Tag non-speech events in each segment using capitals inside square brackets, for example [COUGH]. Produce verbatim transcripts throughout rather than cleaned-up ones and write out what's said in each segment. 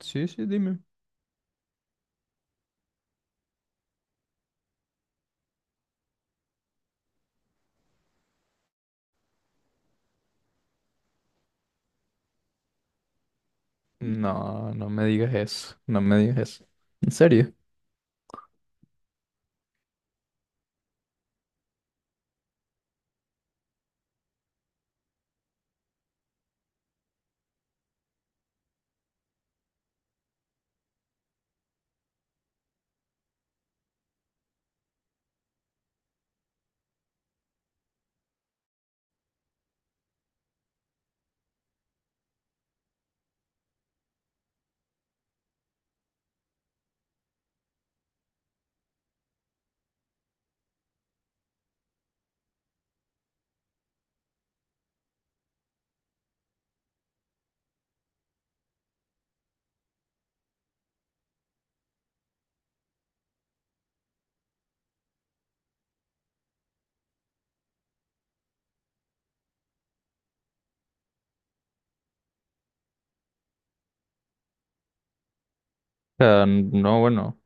Sí, sí, dime. No, no me digas eso, no me digas eso. ¿En serio? O sea, no, bueno,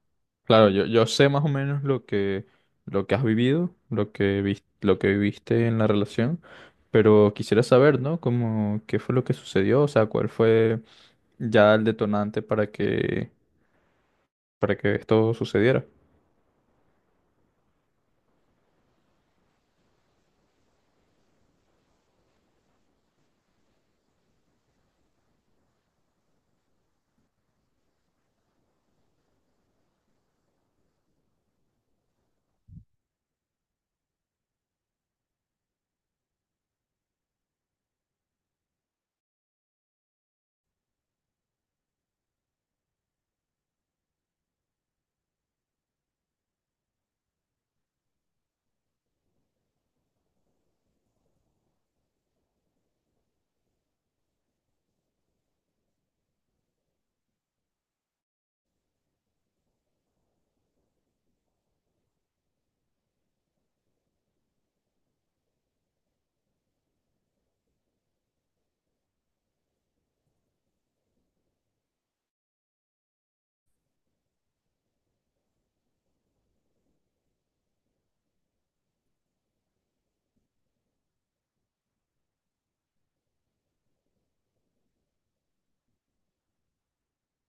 claro, yo, yo sé más o menos lo que, lo que has vivido, lo que vis- lo que viviste en la relación, pero quisiera saber, ¿no? Como, ¿qué fue lo que sucedió? O sea, ¿cuál fue ya el detonante para que, para que esto sucediera?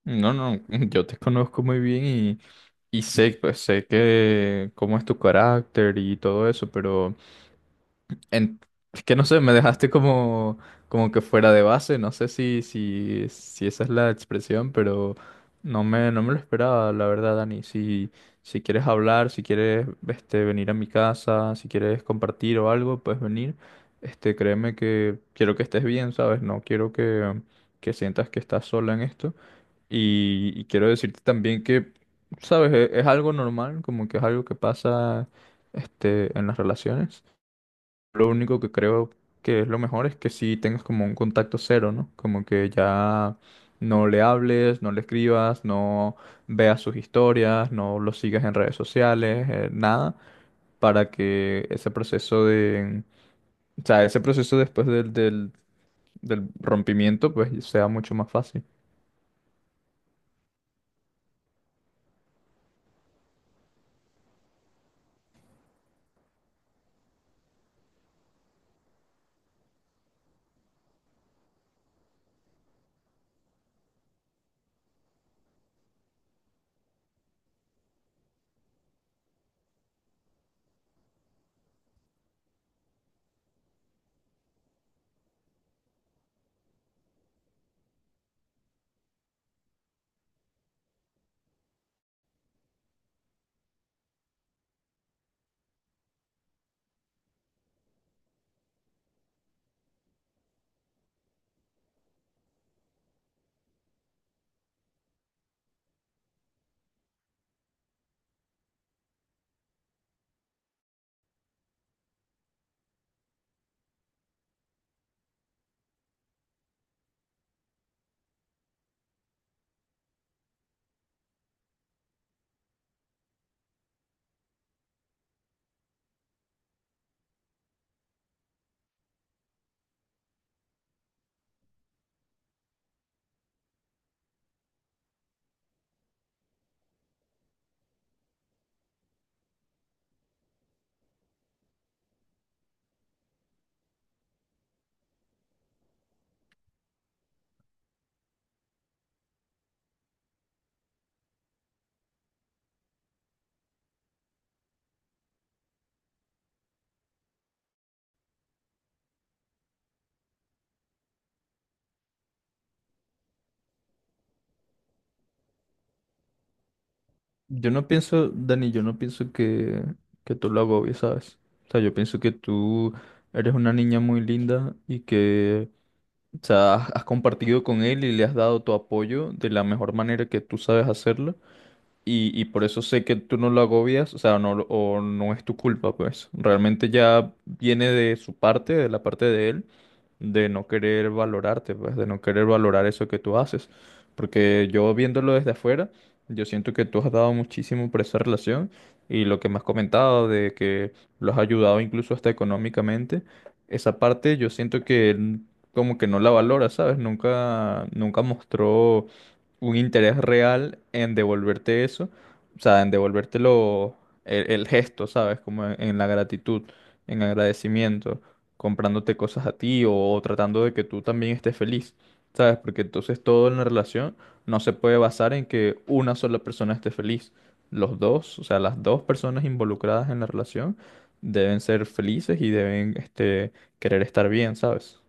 No, no, [LAUGHS] yo te conozco muy bien y, y sé, pues sé que cómo es tu carácter y todo eso, pero... En, es que no sé, me dejaste como, como que fuera de base, no sé si, si, si esa es la expresión, pero no me, no me lo esperaba, la verdad, Dani. Si, si quieres hablar, si quieres este, venir a mi casa, si quieres compartir o algo, puedes venir. Este, créeme que quiero que estés bien, ¿sabes? No quiero que, que sientas que estás sola en esto. Y, y quiero decirte también que, ¿sabes? Es, es algo normal, como que es algo que pasa este, en las relaciones. Lo único que creo que es lo mejor es que si tengas como un contacto cero, ¿no? Como que ya no le hables, no le escribas, no veas sus historias, no lo sigas en redes sociales, eh, nada, para que ese proceso de, o sea, ese proceso después del, del, del rompimiento, pues sea mucho más fácil. Yo no pienso, Dani, yo no pienso que, que tú lo agobies, ¿sabes? O sea, yo pienso que tú eres una niña muy linda y que. O sea, has has compartido con él y le has dado tu apoyo de la mejor manera que tú sabes hacerlo y, y por eso sé que tú no lo agobias, o sea, no, lo- o no es tu culpa, pues. Realmente ya viene de su parte, de la parte de él, de no querer valorarte, pues, de no querer valorar eso que tú haces. Porque yo viéndolo desde afuera, yo siento que tú has dado muchísimo por esa relación y lo que me has comentado de que lo has ayudado incluso hasta económicamente, esa parte yo siento que él como que no la valora, ¿sabes? Nunca, nunca mostró un interés real en devolverte eso, o sea, en devolvértelo el, el gesto, ¿sabes? Como en, en la gratitud, en agradecimiento, comprándote cosas a ti o, o tratando de que tú también estés feliz, ¿sabes? Porque entonces todo en la relación no se puede basar en que una sola persona esté feliz. Los dos, o sea, las dos personas involucradas en la relación deben ser felices y deben, este, querer estar bien, ¿sabes?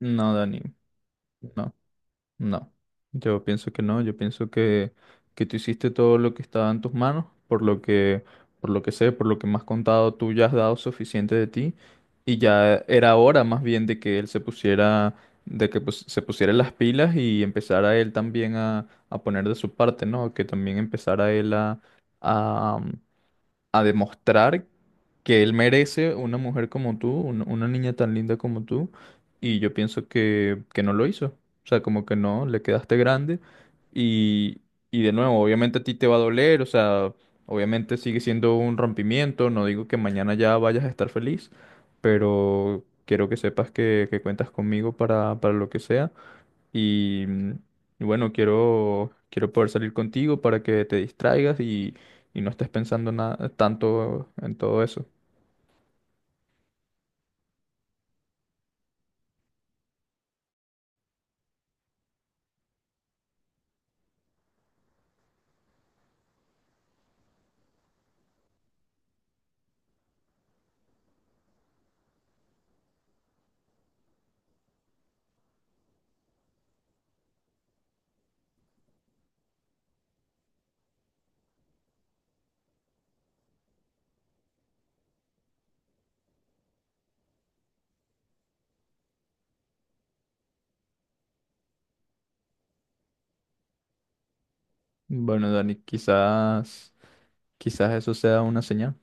No, Dani, no. No, yo pienso que no, yo pienso que, que tú hiciste todo lo que estaba en tus manos, por lo que, por lo que sé, por lo que me has contado, tú ya has dado suficiente de ti y ya era hora más bien de que él se pusiera, de que pues, se pusiera las pilas y empezara él también a, a poner de su parte, ¿no? Que también empezara él a, a demostrar que él merece una mujer como tú, un- una niña tan linda como tú, y yo pienso que, que no lo hizo. O sea, como que no, le quedaste grande y, y de nuevo, obviamente a ti te va a doler, o sea, obviamente sigue siendo un rompimiento, no digo que mañana ya vayas a estar feliz, pero quiero que sepas que, que cuentas conmigo para, para lo que sea y, mm, y bueno, quiero, quiero poder salir contigo para que te distraigas y, y no estés pensando nada, tanto en todo eso. Bueno, Dani, quizás, quizás eso sea una señal.